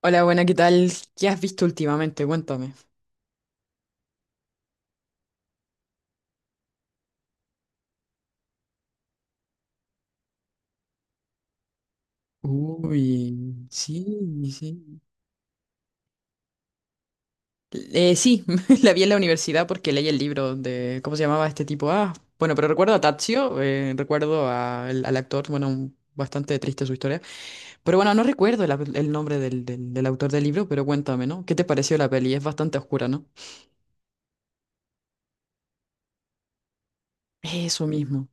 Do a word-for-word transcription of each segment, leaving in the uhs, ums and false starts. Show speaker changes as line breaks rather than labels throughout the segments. Hola, buena, ¿qué tal? ¿Qué has visto últimamente? Cuéntame. Uy, sí, sí. Eh, sí, la vi en la universidad porque leí el libro de, ¿cómo se llamaba este tipo? Ah, bueno, pero recuerdo a Tazio, eh, recuerdo a- al, al actor, bueno, un- bastante triste su historia, pero bueno, no recuerdo el, el nombre del, del, del autor del libro, pero cuéntame, ¿no? ¿Qué te pareció la peli? Es bastante oscura, ¿no? Eso mismo.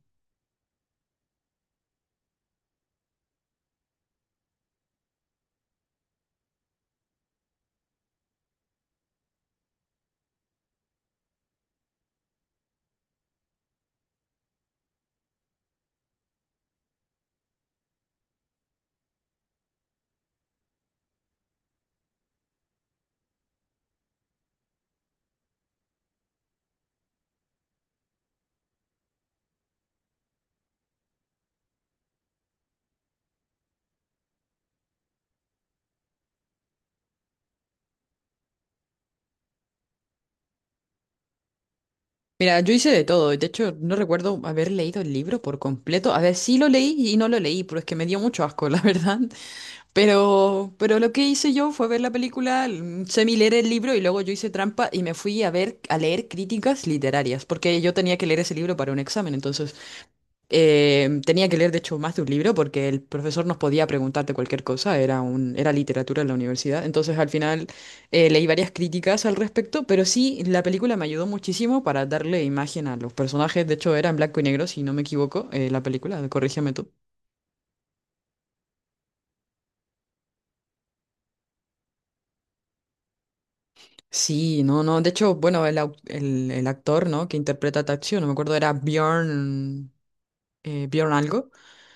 Mira, yo hice de todo, de hecho no recuerdo haber leído el libro por completo, a ver, sí lo leí y no lo leí, pero es que me dio mucho asco, la verdad, Pero, pero lo que hice yo fue ver la película, l- semi-leer el libro y luego yo hice trampa y me fui a ver, a leer críticas literarias, porque yo tenía que leer ese libro para un examen, entonces eh, tenía que leer de hecho más de un libro porque el profesor nos podía preguntarte cualquier cosa, era un, era literatura en la universidad, entonces al final eh, leí varias críticas al respecto, pero sí, la película me ayudó muchísimo para darle imagen a los personajes, de hecho era en blanco y negro, si no me equivoco, eh, la película, corrígeme tú. Sí, no, no. De hecho, bueno, el, au- el, el actor, ¿no? Que interpreta a Tatsuo, no me acuerdo, era Bjorn, eh, Bjorn algo.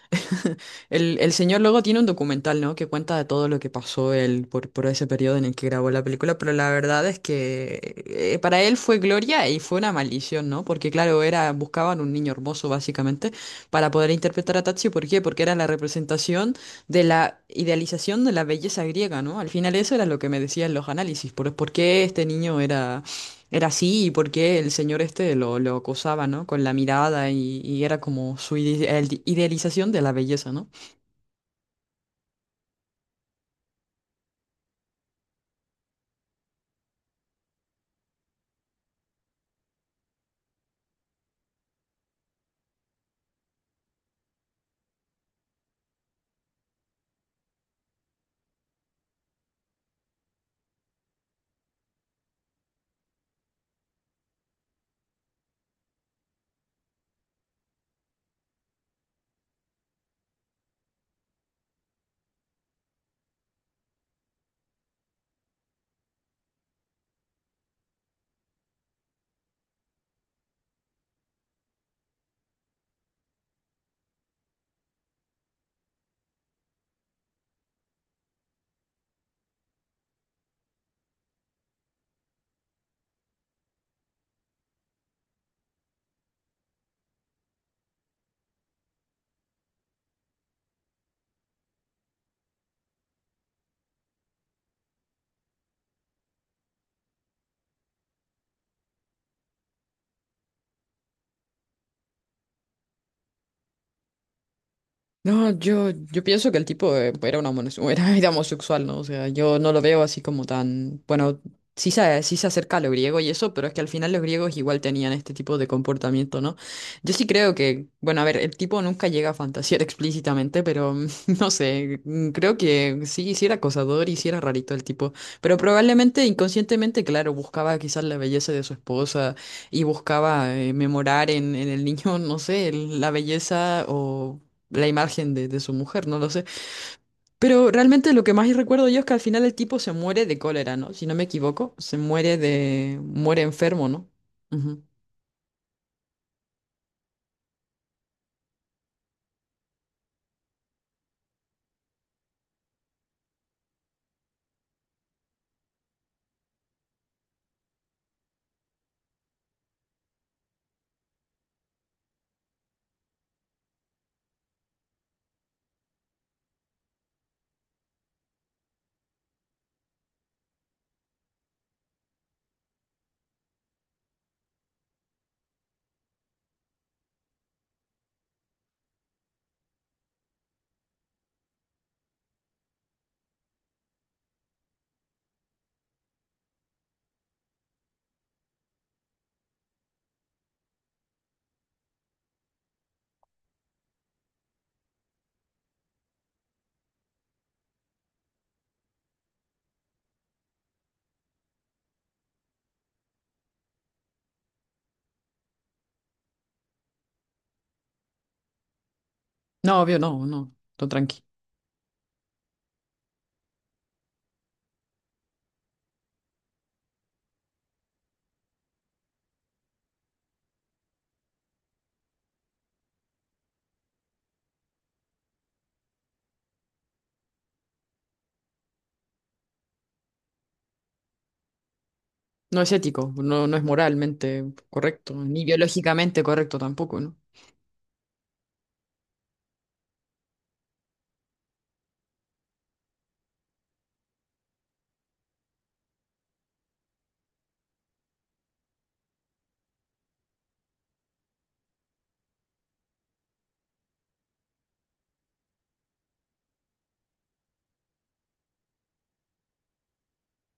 El, el señor luego tiene un documental, ¿no? Que cuenta de todo lo que pasó él por, por ese periodo en el que grabó la película, pero la verdad es que eh, para él fue gloria y fue una maldición, ¿no? Porque claro, era, buscaban un niño hermoso básicamente para poder interpretar a Tatsuo. ¿Por qué? Porque era la representación de la idealización de la belleza griega, ¿no? Al final eso era lo que me decían los análisis, por, por qué este niño era era así y por qué el señor este lo, lo acosaba, ¿no? Con la mirada y, y era como su ide- el- idealización de la belleza, ¿no? No, yo, yo pienso que el tipo eh, era un homo- era, era homosexual, ¿no? O sea, yo no lo veo así como tan. Bueno, sí se, sí se acerca a lo griego y eso, pero es que al final los griegos igual tenían este tipo de comportamiento, ¿no? Yo sí creo que, bueno, a ver, el tipo nunca llega a fantasear explícitamente, pero mm, no sé, mm, creo que sí, sí era acosador y sí era rarito el tipo, pero probablemente inconscientemente, claro, buscaba quizás la belleza de su esposa y buscaba eh, memorar en, en el niño, no sé, el- la belleza o la imagen de, de su mujer, no lo sé. Pero realmente lo que más recuerdo yo es que al final el tipo se muere de cólera, ¿no? Si no me equivoco, se muere de... muere enfermo, ¿no? Ujú. No, obvio, no, no, no, tranqui. No es ético, no, no es moralmente correcto, ni biológicamente correcto tampoco, ¿no?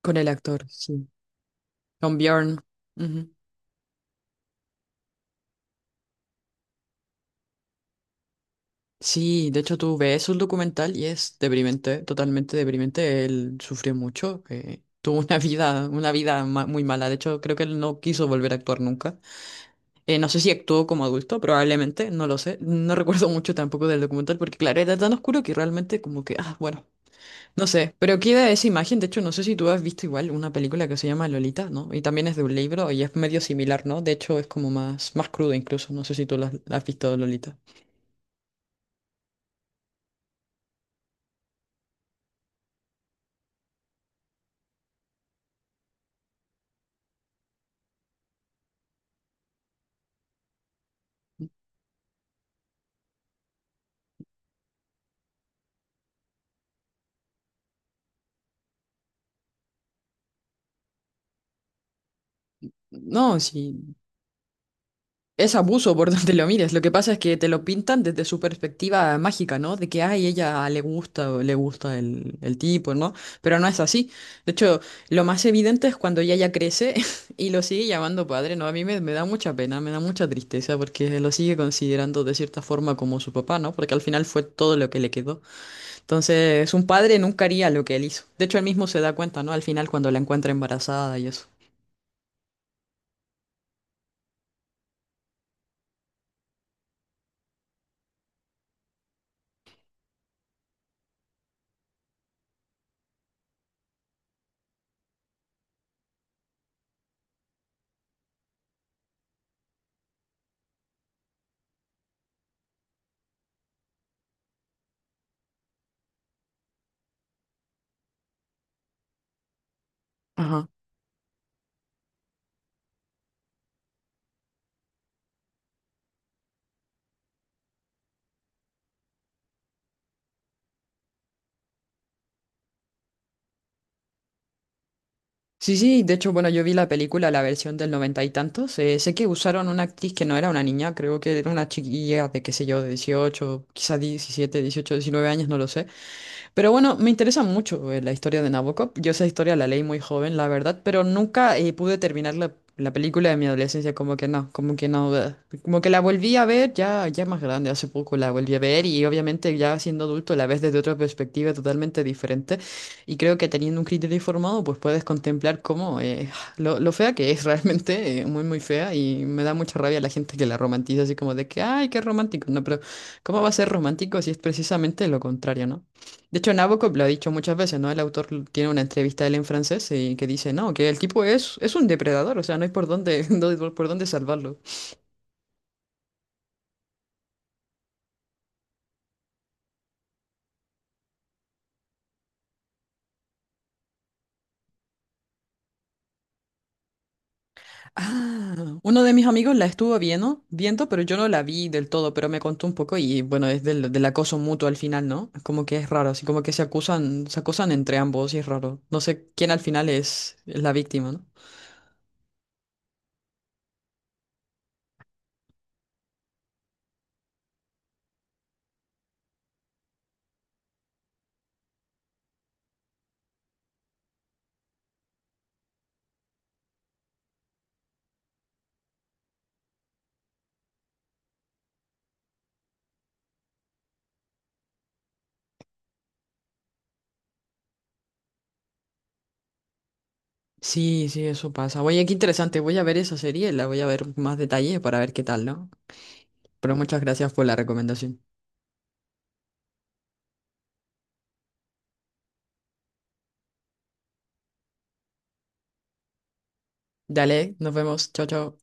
Con el actor, sí. Con Bjorn. Ujú. Sí, de hecho tú ves el documental y es deprimente, totalmente deprimente. Él sufrió mucho, eh, tuvo una vida, una vida ma- muy mala. De hecho, creo que él no quiso volver a actuar nunca. Eh, no sé si actuó como adulto, probablemente, no lo sé. No recuerdo mucho tampoco del documental porque, claro, era tan oscuro que realmente como que, ah, bueno, no sé. Pero queda esa imagen, de hecho, no sé si tú has visto igual una película que se llama Lolita, ¿no? Y también es de un libro y es medio similar, ¿no? De hecho, es como más, más crudo incluso, no sé si tú la has la has visto, Lolita. No, sí. Es abuso por donde lo mires. Lo que pasa es que te lo pintan desde su perspectiva mágica, ¿no? De que, ay, ella le gusta, o le gusta el, el tipo, ¿no? Pero no es así. De hecho, lo más evidente es cuando ella ya crece y lo sigue llamando padre, ¿no? A mí me, me da mucha pena, me da mucha tristeza porque lo sigue considerando de cierta forma como su papá, ¿no? Porque al final fue todo lo que le quedó. Entonces, un padre nunca haría lo que él hizo. De hecho, él mismo se da cuenta, ¿no? Al final, cuando la encuentra embarazada y eso. Ajá. Sí, sí, de hecho, bueno, yo vi la película, la versión del noventa y tantos. eh, sé que usaron una actriz que no era una niña, creo que era una chiquilla de, qué sé yo, de dieciocho quizás diecisiete dieciocho diecinueve años, no lo sé. Pero bueno, me interesa mucho eh, la historia de Nabokov. Yo esa historia la leí muy joven, la verdad, pero nunca eh, pude terminar la, la película de mi adolescencia, como que no, como que no. eh, Como que la volví a ver ya, ya más grande, hace poco la volví a ver y obviamente ya siendo adulto la ves desde otra perspectiva totalmente diferente. Y creo que teniendo un criterio informado, pues puedes contemplar cómo eh, lo, lo fea que es realmente, eh, muy, muy fea. Y me da mucha rabia la gente que la romantiza así como de que, ay, qué romántico. No, pero ¿cómo va a ser romántico si es precisamente lo contrario, ¿no? De hecho, Nabokov lo ha dicho muchas veces, ¿no? El autor l- tiene una entrevista de él en francés y que dice, no, que el tipo es, es un depredador, o sea, no hay por dónde, no hay por por dónde salvarlo. Ah, uno de mis amigos la estuvo viendo, viendo, pero yo no la vi del todo, pero me contó un poco y bueno, es del, del acoso mutuo al final, ¿no? Es como que es raro, así como que se acusan, se acusan entre ambos y es raro. No sé quién al final es, es la víctima, ¿no? Sí, sí, eso pasa. Oye, qué interesante, voy a ver esa serie, la voy a ver más detalle para ver qué tal, ¿no? Pero muchas gracias por la recomendación. Dale, nos vemos. Chao, chao.